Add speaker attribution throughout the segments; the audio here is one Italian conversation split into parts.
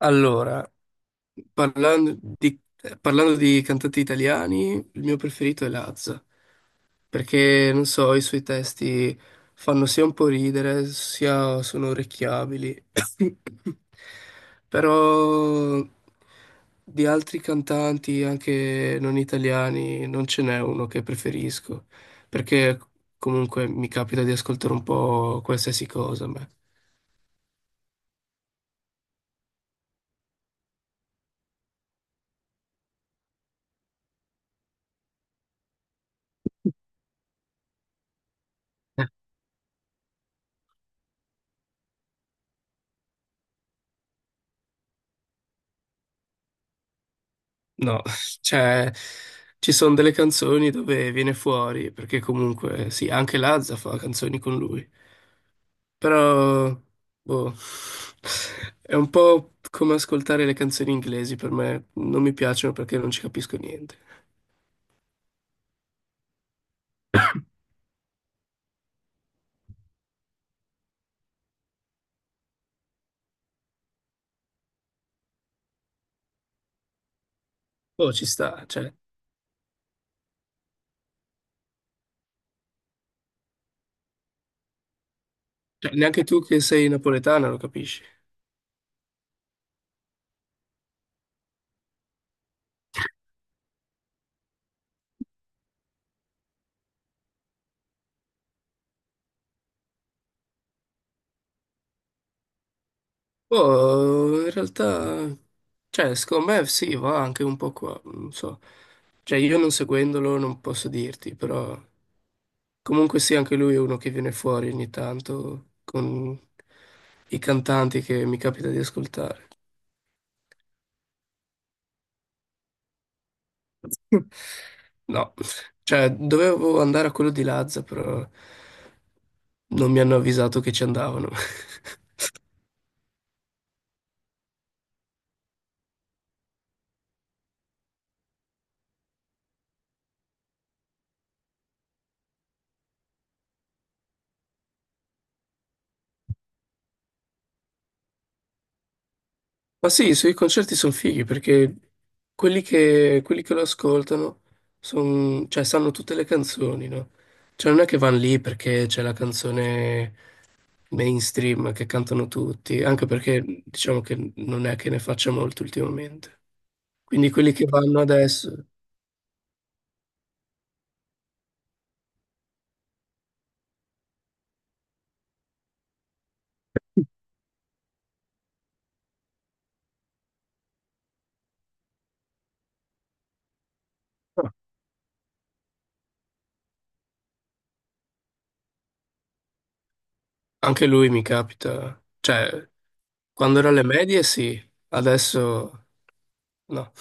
Speaker 1: Allora, parlando di cantanti italiani, il mio preferito è Lazza, perché non so, i suoi testi fanno sia un po' ridere, sia sono orecchiabili. Però di altri cantanti, anche non italiani, non ce n'è uno che preferisco, perché comunque mi capita di ascoltare un po' qualsiasi cosa a me. No, cioè ci sono delle canzoni dove viene fuori, perché comunque sì, anche Lazza fa canzoni con lui, però boh, è un po' come ascoltare le canzoni inglesi per me, non mi piacciono perché non ci capisco niente. Boh, ci sta, cioè, neanche tu che sei napoletana lo capisci. Boh, in realtà, cioè, secondo me sì, va anche un po' qua, non so. Cioè, io non seguendolo non posso dirti, però... Comunque sì, anche lui è uno che viene fuori ogni tanto con i cantanti che mi capita di ascoltare. No, cioè dovevo andare a quello di Lazza, però non mi hanno avvisato che ci andavano. Ma sì, i suoi concerti sono fighi perché quelli che lo ascoltano cioè, sanno tutte le canzoni, no? Cioè non è che vanno lì perché c'è la canzone mainstream che cantano tutti, anche perché diciamo che non è che ne faccia molto ultimamente. Quindi quelli che vanno adesso, ah, anche lui mi capita, cioè quando ero alle medie sì, adesso no.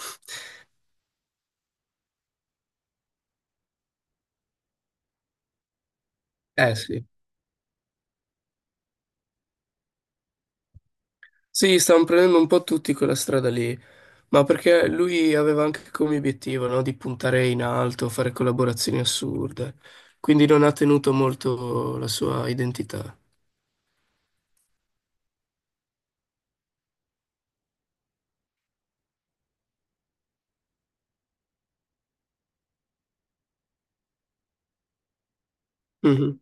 Speaker 1: Eh sì. Sì, stanno prendendo un po' tutti quella strada lì, ma perché lui aveva anche come obiettivo, no, di puntare in alto, fare collaborazioni assurde, quindi non ha tenuto molto la sua identità. Mhm.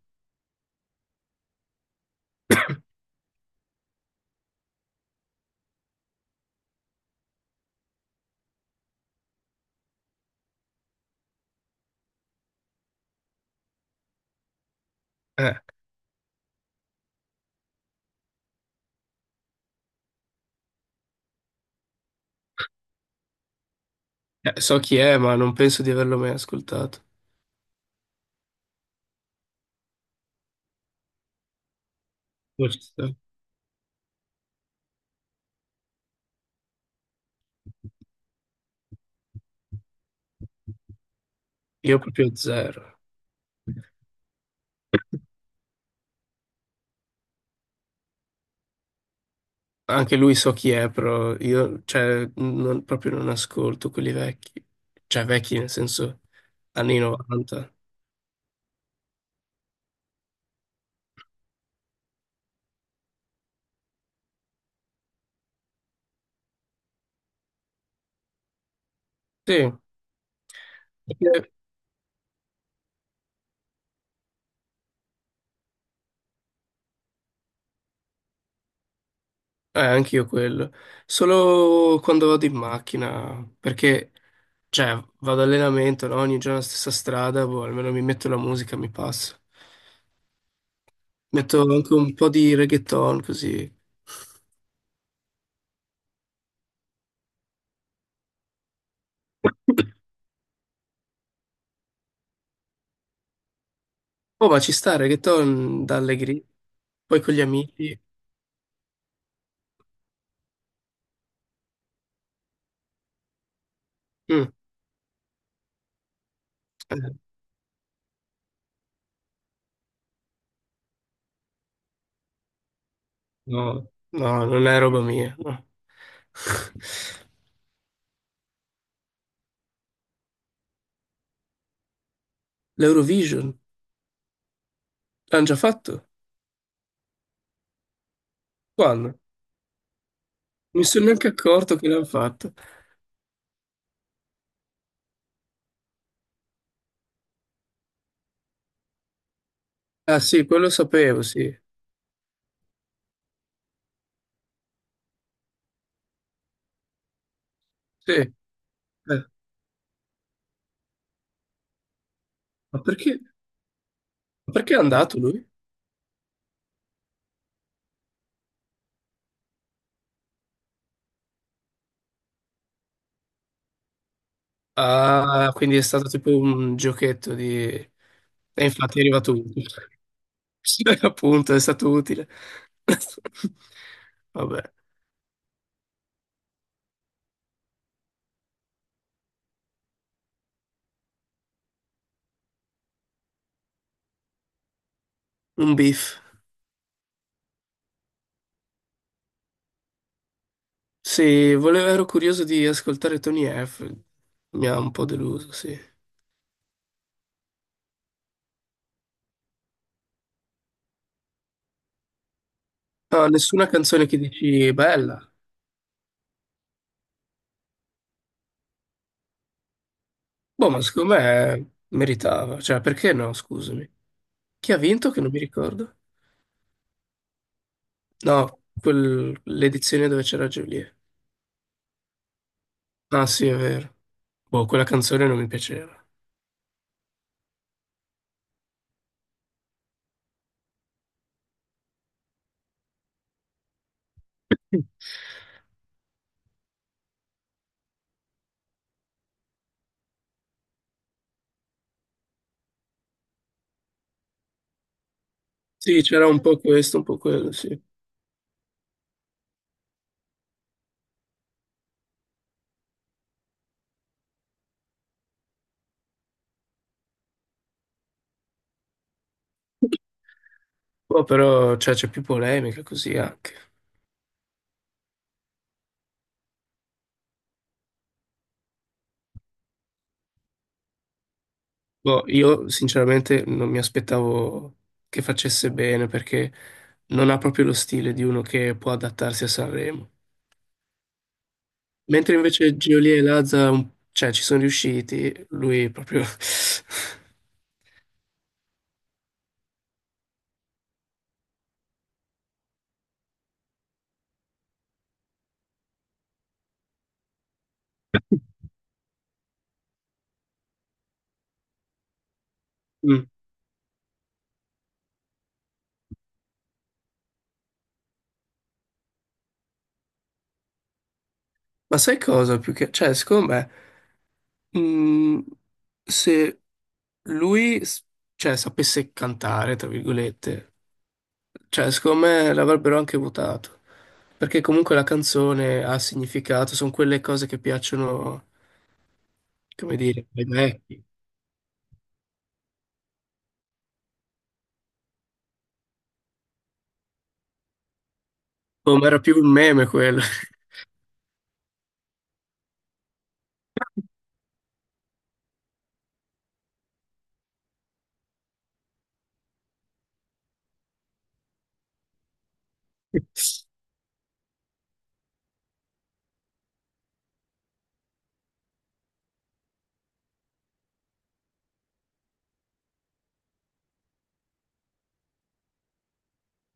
Speaker 1: Eh, so chi è, ma non penso di averlo mai ascoltato. Forse. Io proprio zero. Anche lui so chi è, però io cioè, proprio non ascolto quelli vecchi. Cioè vecchi nel senso anni 90. Sì, anch'io quello. Solo quando vado in macchina, perché cioè, vado allenamento, no? Ogni giorno la stessa strada, boh, almeno mi metto la musica, mi passa. Metto anche un po' di reggaeton così. Oh, ma ci stare, che torni da Allegri, poi con gli amici. Mm, eh, no, no, non è roba mia, no. L'Eurovision l'hanno già fatto? Quando? Non mi sono neanche accorto che l'hanno fatto. Ah sì, quello sapevo, sì. Sì, ma perché, ma perché è andato lui? Ah, quindi è stato tipo un giochetto di... E infatti è arrivato utile. Sì, appunto, è stato utile. Vabbè, un beef. Sì, volevo, ero curioso di ascoltare Tony F. Mi ha un po' deluso, sì. No, nessuna canzone che dici bella. Boh, ma secondo me meritava. Cioè, perché no, scusami. Chi ha vinto che non mi ricordo? No, l'edizione dove c'era Julie. Ah, sì, è vero. Boh, quella canzone non mi piaceva. Mm. Sì, c'era un po' questo, un po' quello, sì. Boh, però, cioè, c'è più polemica così anche. Boh, io sinceramente non mi aspettavo che facesse bene perché non ha proprio lo stile di uno che può adattarsi a Sanremo. Mentre invece Geolia e Lazza, cioè, ci sono riusciti, lui proprio... Mm. Ma sai cosa? Più che... Cioè, secondo me, mm, se lui, s- cioè, sapesse cantare, tra virgolette, cioè, secondo me l'avrebbero anche votato, perché comunque la canzone ha significato, sono quelle cose che piacciono, come dire, ai vecchi. Come era più un meme quello.